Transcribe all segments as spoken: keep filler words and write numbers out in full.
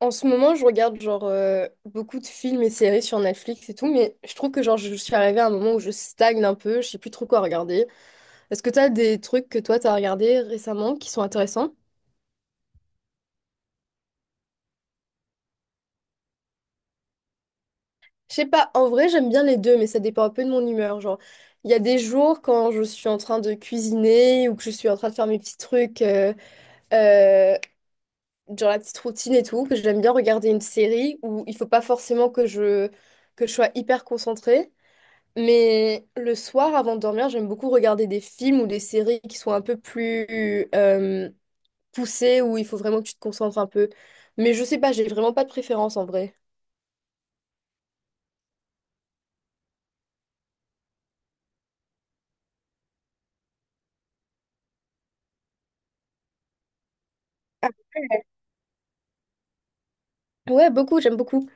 En ce moment, je regarde genre euh, beaucoup de films et séries sur Netflix et tout, mais je trouve que genre je suis arrivée à un moment où je stagne un peu, je sais plus trop quoi regarder. Est-ce que t'as des trucs que toi t'as regardé récemment qui sont intéressants? Je sais pas, en vrai j'aime bien les deux, mais ça dépend un peu de mon humeur. Genre, il y a des jours quand je suis en train de cuisiner ou que je suis en train de faire mes petits trucs, euh, euh, genre la petite routine et tout, que j'aime bien regarder une série où il faut pas forcément que je que je sois hyper concentrée. Mais le soir, avant de dormir, j'aime beaucoup regarder des films ou des séries qui sont un peu plus euh, poussées, où il faut vraiment que tu te concentres un peu. Mais je sais pas, j'ai vraiment pas de préférence en vrai. Ah, ouais, beaucoup, j'aime beaucoup.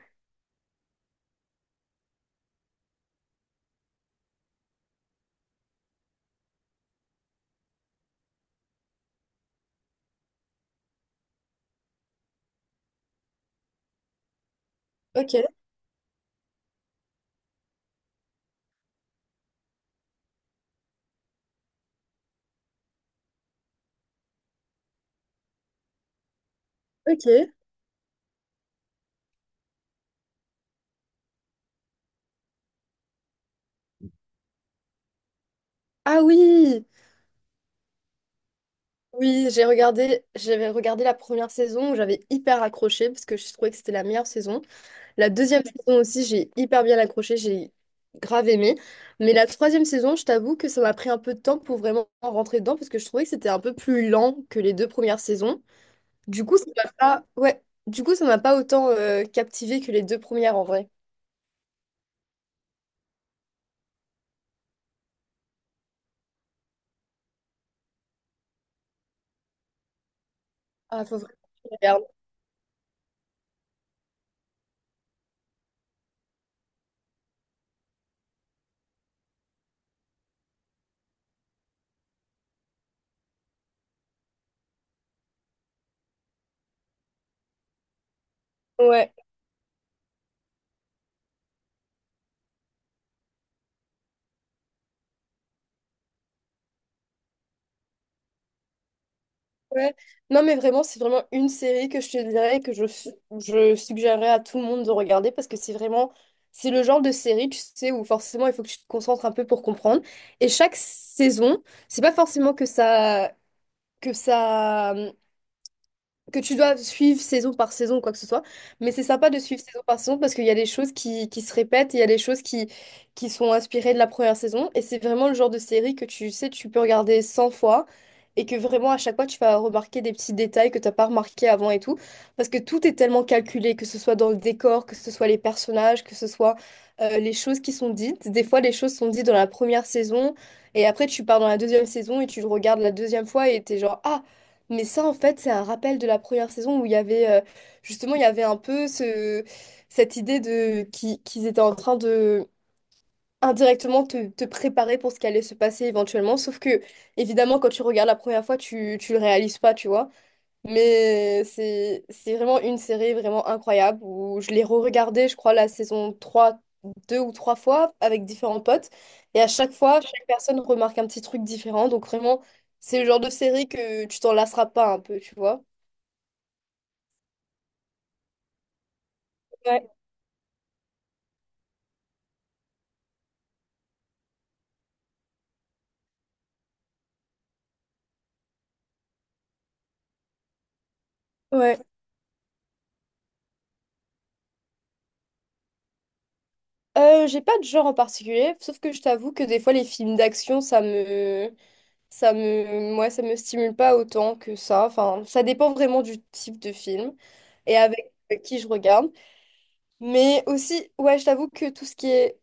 Ok, ok. Ah oui, oui, j'ai regardé, j'avais regardé la première saison où j'avais hyper accroché parce que je trouvais que c'était la meilleure saison. La deuxième saison aussi, j'ai hyper bien accroché, j'ai grave aimé. Mais la troisième saison, je t'avoue que ça m'a pris un peu de temps pour vraiment rentrer dedans parce que je trouvais que c'était un peu plus lent que les deux premières saisons. Du coup, ça m'a pas ouais. Du coup, ça m'a pas autant captivé que les deux premières en vrai. Ah, faut vraiment que je regarde. Ouais. Ouais. Non, mais vraiment, c'est vraiment une série que je te dirais que je, su- je suggérerais à tout le monde de regarder parce que c'est vraiment, c'est le genre de série, tu sais, où forcément il faut que tu te concentres un peu pour comprendre. Et chaque saison, c'est pas forcément que ça, que ça que tu dois suivre saison par saison, quoi que ce soit. Mais c'est sympa de suivre saison par saison parce qu'il y a des choses qui, qui se répètent, et il y a des choses qui, qui sont inspirées de la première saison. Et c'est vraiment le genre de série que tu sais, tu peux regarder cent fois et que vraiment à chaque fois, tu vas remarquer des petits détails que tu n'as pas remarqué avant et tout. Parce que tout est tellement calculé, que ce soit dans le décor, que ce soit les personnages, que ce soit euh, les choses qui sont dites. Des fois, les choses sont dites dans la première saison et après, tu pars dans la deuxième saison et tu le regardes la deuxième fois et t'es genre, «Ah, mais ça, en fait, c'est un rappel de la première saison où il y avait euh, justement, il y avait un peu ce, cette idée de qui- qu'ils étaient en train de indirectement te, te préparer pour ce qui allait se passer éventuellement. Sauf que, évidemment, quand tu regardes la première fois, tu, tu le réalises pas, tu vois. Mais c'est c'est vraiment une série vraiment incroyable où je l'ai re-regardée, je crois, la saison trois deux ou trois fois avec différents potes. Et à chaque fois, chaque personne remarque un petit truc différent. Donc vraiment, c'est le genre de série que tu t'en lasseras pas un peu, tu vois. Ouais, ouais. Euh, j'ai pas de genre en particulier, sauf que je t'avoue que des fois les films d'action, ça me, ça me, moi, ça me stimule pas autant que ça. Enfin, ça dépend vraiment du type de film et avec qui je regarde. Mais aussi, ouais, je t'avoue que tout ce qui est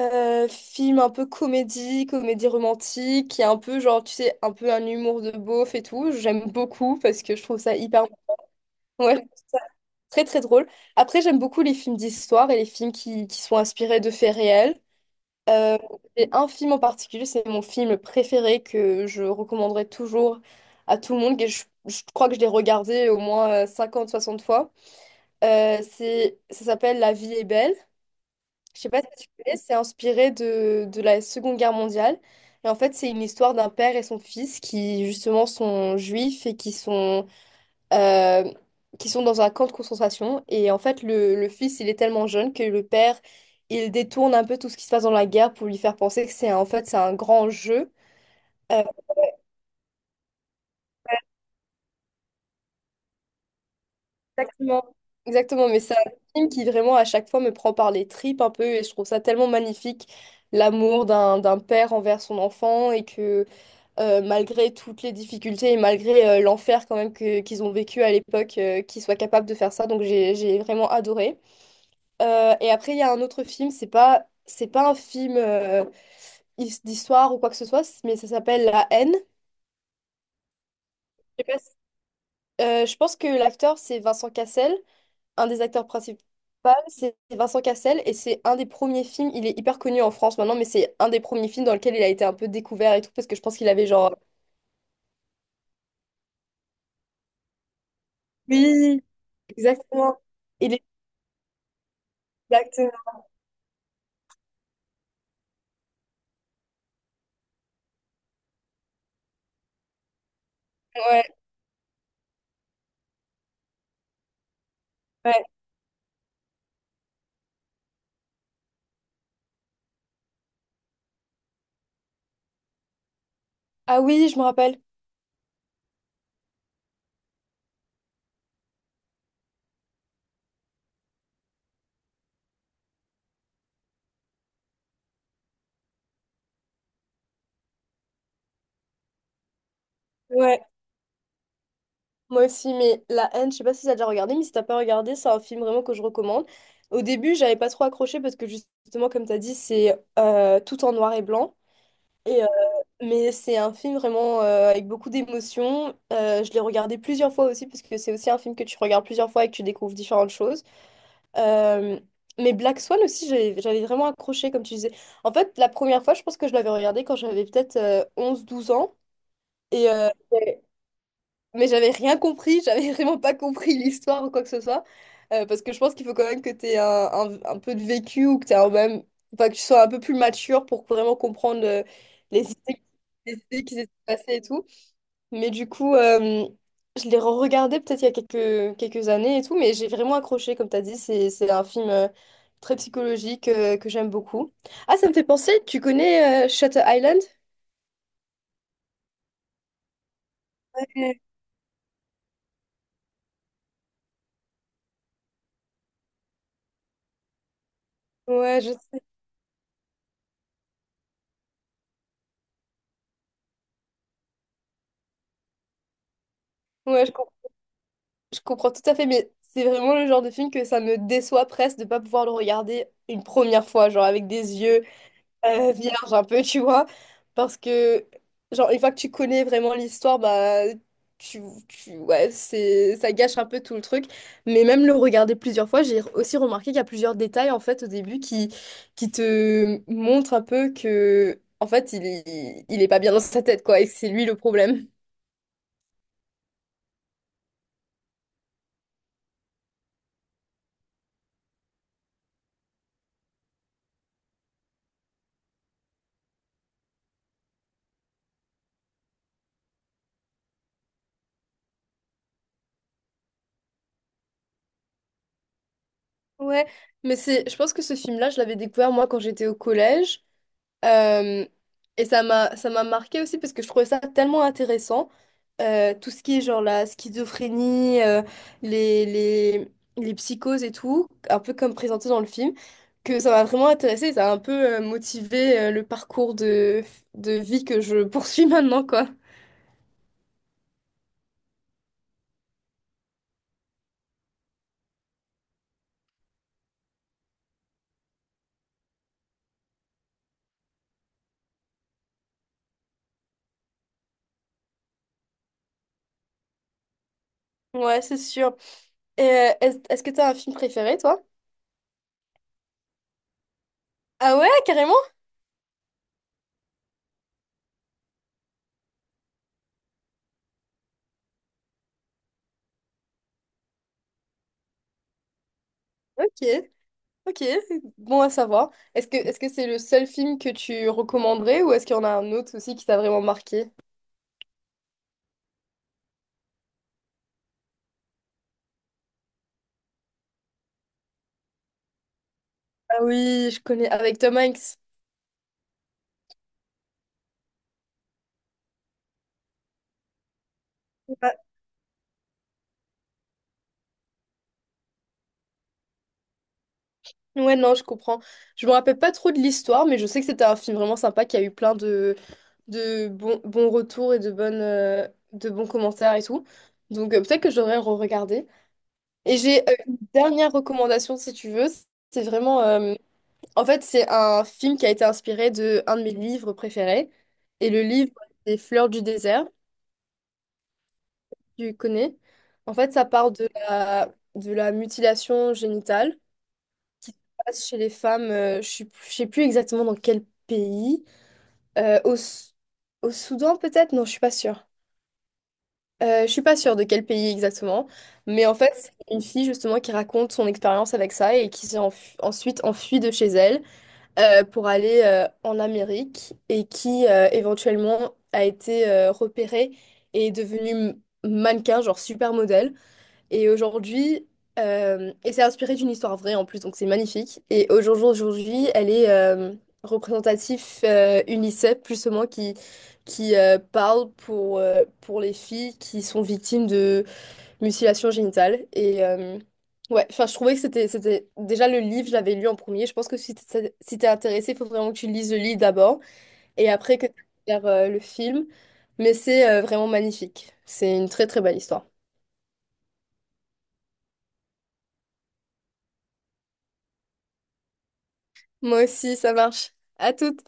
euh, film un peu comédie, comédie romantique, qui est un peu genre, tu sais, un peu un humour de beauf et tout, j'aime beaucoup parce que je trouve ça hyper ouais, très très drôle. Après, j'aime beaucoup les films d'histoire et les films qui, qui sont inspirés de faits réels. Euh, et un film en particulier, c'est mon film préféré que je recommanderais toujours à tout le monde. Et je, je crois que je l'ai regardé au moins cinquante soixante fois. Euh, c'est, ça s'appelle La vie est belle. Je sais pas si tu connais, c'est inspiré de, de la Seconde Guerre mondiale. Et en fait, c'est une histoire d'un père et son fils qui, justement, sont juifs et qui sont, euh, qui sont dans un camp de concentration. Et en fait, le, le fils, il est tellement jeune que le père, il détourne un peu tout ce qui se passe dans la guerre pour lui faire penser que c'est un- en fait, c'est un grand jeu. Euh, exactement. Exactement, mais c'est un film qui vraiment à chaque fois me prend par les tripes un peu et je trouve ça tellement magnifique, l'amour d'un d'un père envers son enfant et que euh, malgré toutes les difficultés et malgré euh, l'enfer quand même que, qu'ils ont vécu à l'époque, euh, qu'ils soient capables de faire ça. Donc j'ai, j'ai vraiment adoré. Euh, et après, il y a un autre film, c'est pas, c'est pas un film euh, his- d'histoire ou quoi que ce soit, mais ça s'appelle La haine. Je sais pas si Euh, je pense que l'acteur, c'est Vincent Cassel, un des acteurs principaux. C'est Vincent Cassel et c'est un des premiers films, il est hyper connu en France maintenant, mais c'est un des premiers films dans lequel il a été un peu découvert et tout, parce que je pense qu'il avait genre Oui, exactement. Il est exactement, ouais. Ouais. Ah oui, je me rappelle. Ouais, moi aussi, mais La Haine, je sais pas si t'as déjà regardé, mais si t'as pas regardé, c'est un film vraiment que je recommande. Au début, j'avais pas trop accroché parce que justement, comme t'as dit, c'est euh, tout en noir et blanc. Et, euh, mais c'est un film vraiment euh, avec beaucoup d'émotions. Euh, je l'ai regardé plusieurs fois aussi parce que c'est aussi un film que tu regardes plusieurs fois et que tu découvres différentes choses. Euh, mais Black Swan aussi, j'avais j'avais vraiment accroché, comme tu disais. En fait, la première fois, je pense que je l'avais regardé quand j'avais peut-être euh, onze, douze ans. Et, euh, mais j'avais rien compris, j'avais vraiment pas compris l'histoire ou quoi que ce soit. Euh, parce que je pense qu'il faut quand même que tu aies un, un- un peu de vécu ou que t'aies un même, enfin, que tu sois un peu plus mature pour vraiment comprendre euh, les idées, les idées qui s'étaient passées et tout. Mais du coup, euh, je l'ai re-regardé peut-être il y a quelques, quelques années et tout, mais j'ai vraiment accroché, comme tu as dit, c'est, c'est un film euh, très psychologique euh, que j'aime beaucoup. Ah, ça me fait penser, tu connais euh, Shutter Island? Ouais, ouais, je sais. Ouais, je Je comprends tout à fait, mais c'est vraiment le genre de film que ça me déçoit presque de pas pouvoir le regarder une première fois, genre avec des yeux euh, vierges un peu, tu vois. Parce que, genre, une fois que tu connais vraiment l'histoire, bah, tu, tu- ouais, c'est, ça gâche un peu tout le truc. Mais même le regarder plusieurs fois, j'ai aussi remarqué qu'il y a plusieurs détails, en fait, au début qui, qui te montrent un peu que, en fait, il, est- il est pas bien dans sa tête, quoi, et que c'est lui le problème. Ouais, mais c'est, je pense que ce film-là, je l'avais découvert moi quand j'étais au collège. Euh, et ça m'a, ça m'a marqué aussi parce que je trouvais ça tellement intéressant. Euh, tout ce qui est genre la schizophrénie, euh, les, les, les psychoses et tout, un peu comme présenté dans le film, que ça m'a vraiment intéressé et ça a un peu euh, motivé euh, le parcours de, de vie que je poursuis maintenant, quoi. Ouais, c'est sûr. Et, euh, est-ce, est-ce que t'as un film préféré, toi? Ah ouais, carrément? Ok. Ok, bon à savoir. Est-ce que est-ce que c'est le seul film que tu recommanderais ou est-ce qu'il y en a un autre aussi qui t'a vraiment marqué? Ah oui, je connais avec Tom Hanks. Ouais, ouais, non, je comprends. Je me rappelle pas trop de l'histoire, mais je sais que c'était un film vraiment sympa qui a eu plein de, de bons, bons retours et de bonnes, euh, de bons commentaires et tout. Donc euh, peut-être que j'aurais re-regardé. Et j'ai euh, une dernière recommandation si tu veux. C'est vraiment euh, En fait, c'est un film qui a été inspiré de un de mes livres préférés. Et le livre, c'est Fleurs du désert, tu connais. En fait, ça part de la, de la mutilation génitale. Ça se passe chez les femmes. Euh, je ne sais plus exactement dans quel pays. Euh, au, S- au Soudan, peut-être? Non, je suis pas sûre. Euh, je suis pas sûre de quel pays exactement. Mais en fait, c'est une fille justement qui raconte son expérience avec ça et qui s'est enf- ensuite enfuie de chez elle. euh, pour aller euh, en Amérique et qui euh, éventuellement a été euh, repéré et est devenu m- mannequin, genre supermodèle. Et aujourd'hui, euh, et c'est inspiré d'une histoire vraie en plus, donc c'est magnifique. Et aujourd'hui jour elle est euh, représentatif euh, UNICEF, plus ou moins, qui, qui euh, parle pour, euh, pour les filles qui sont victimes mutilation génitale. Et euh, ouais, enfin, je trouvais que c'était, c'était Déjà, le livre, je l'avais lu en premier. Je pense que si t'es, si t'es intéressé, il faut vraiment que tu lises le livre d'abord et après que tu regardes le film. Mais c'est euh, vraiment magnifique. C'est une très, très belle histoire. Moi aussi, ça marche. À toutes.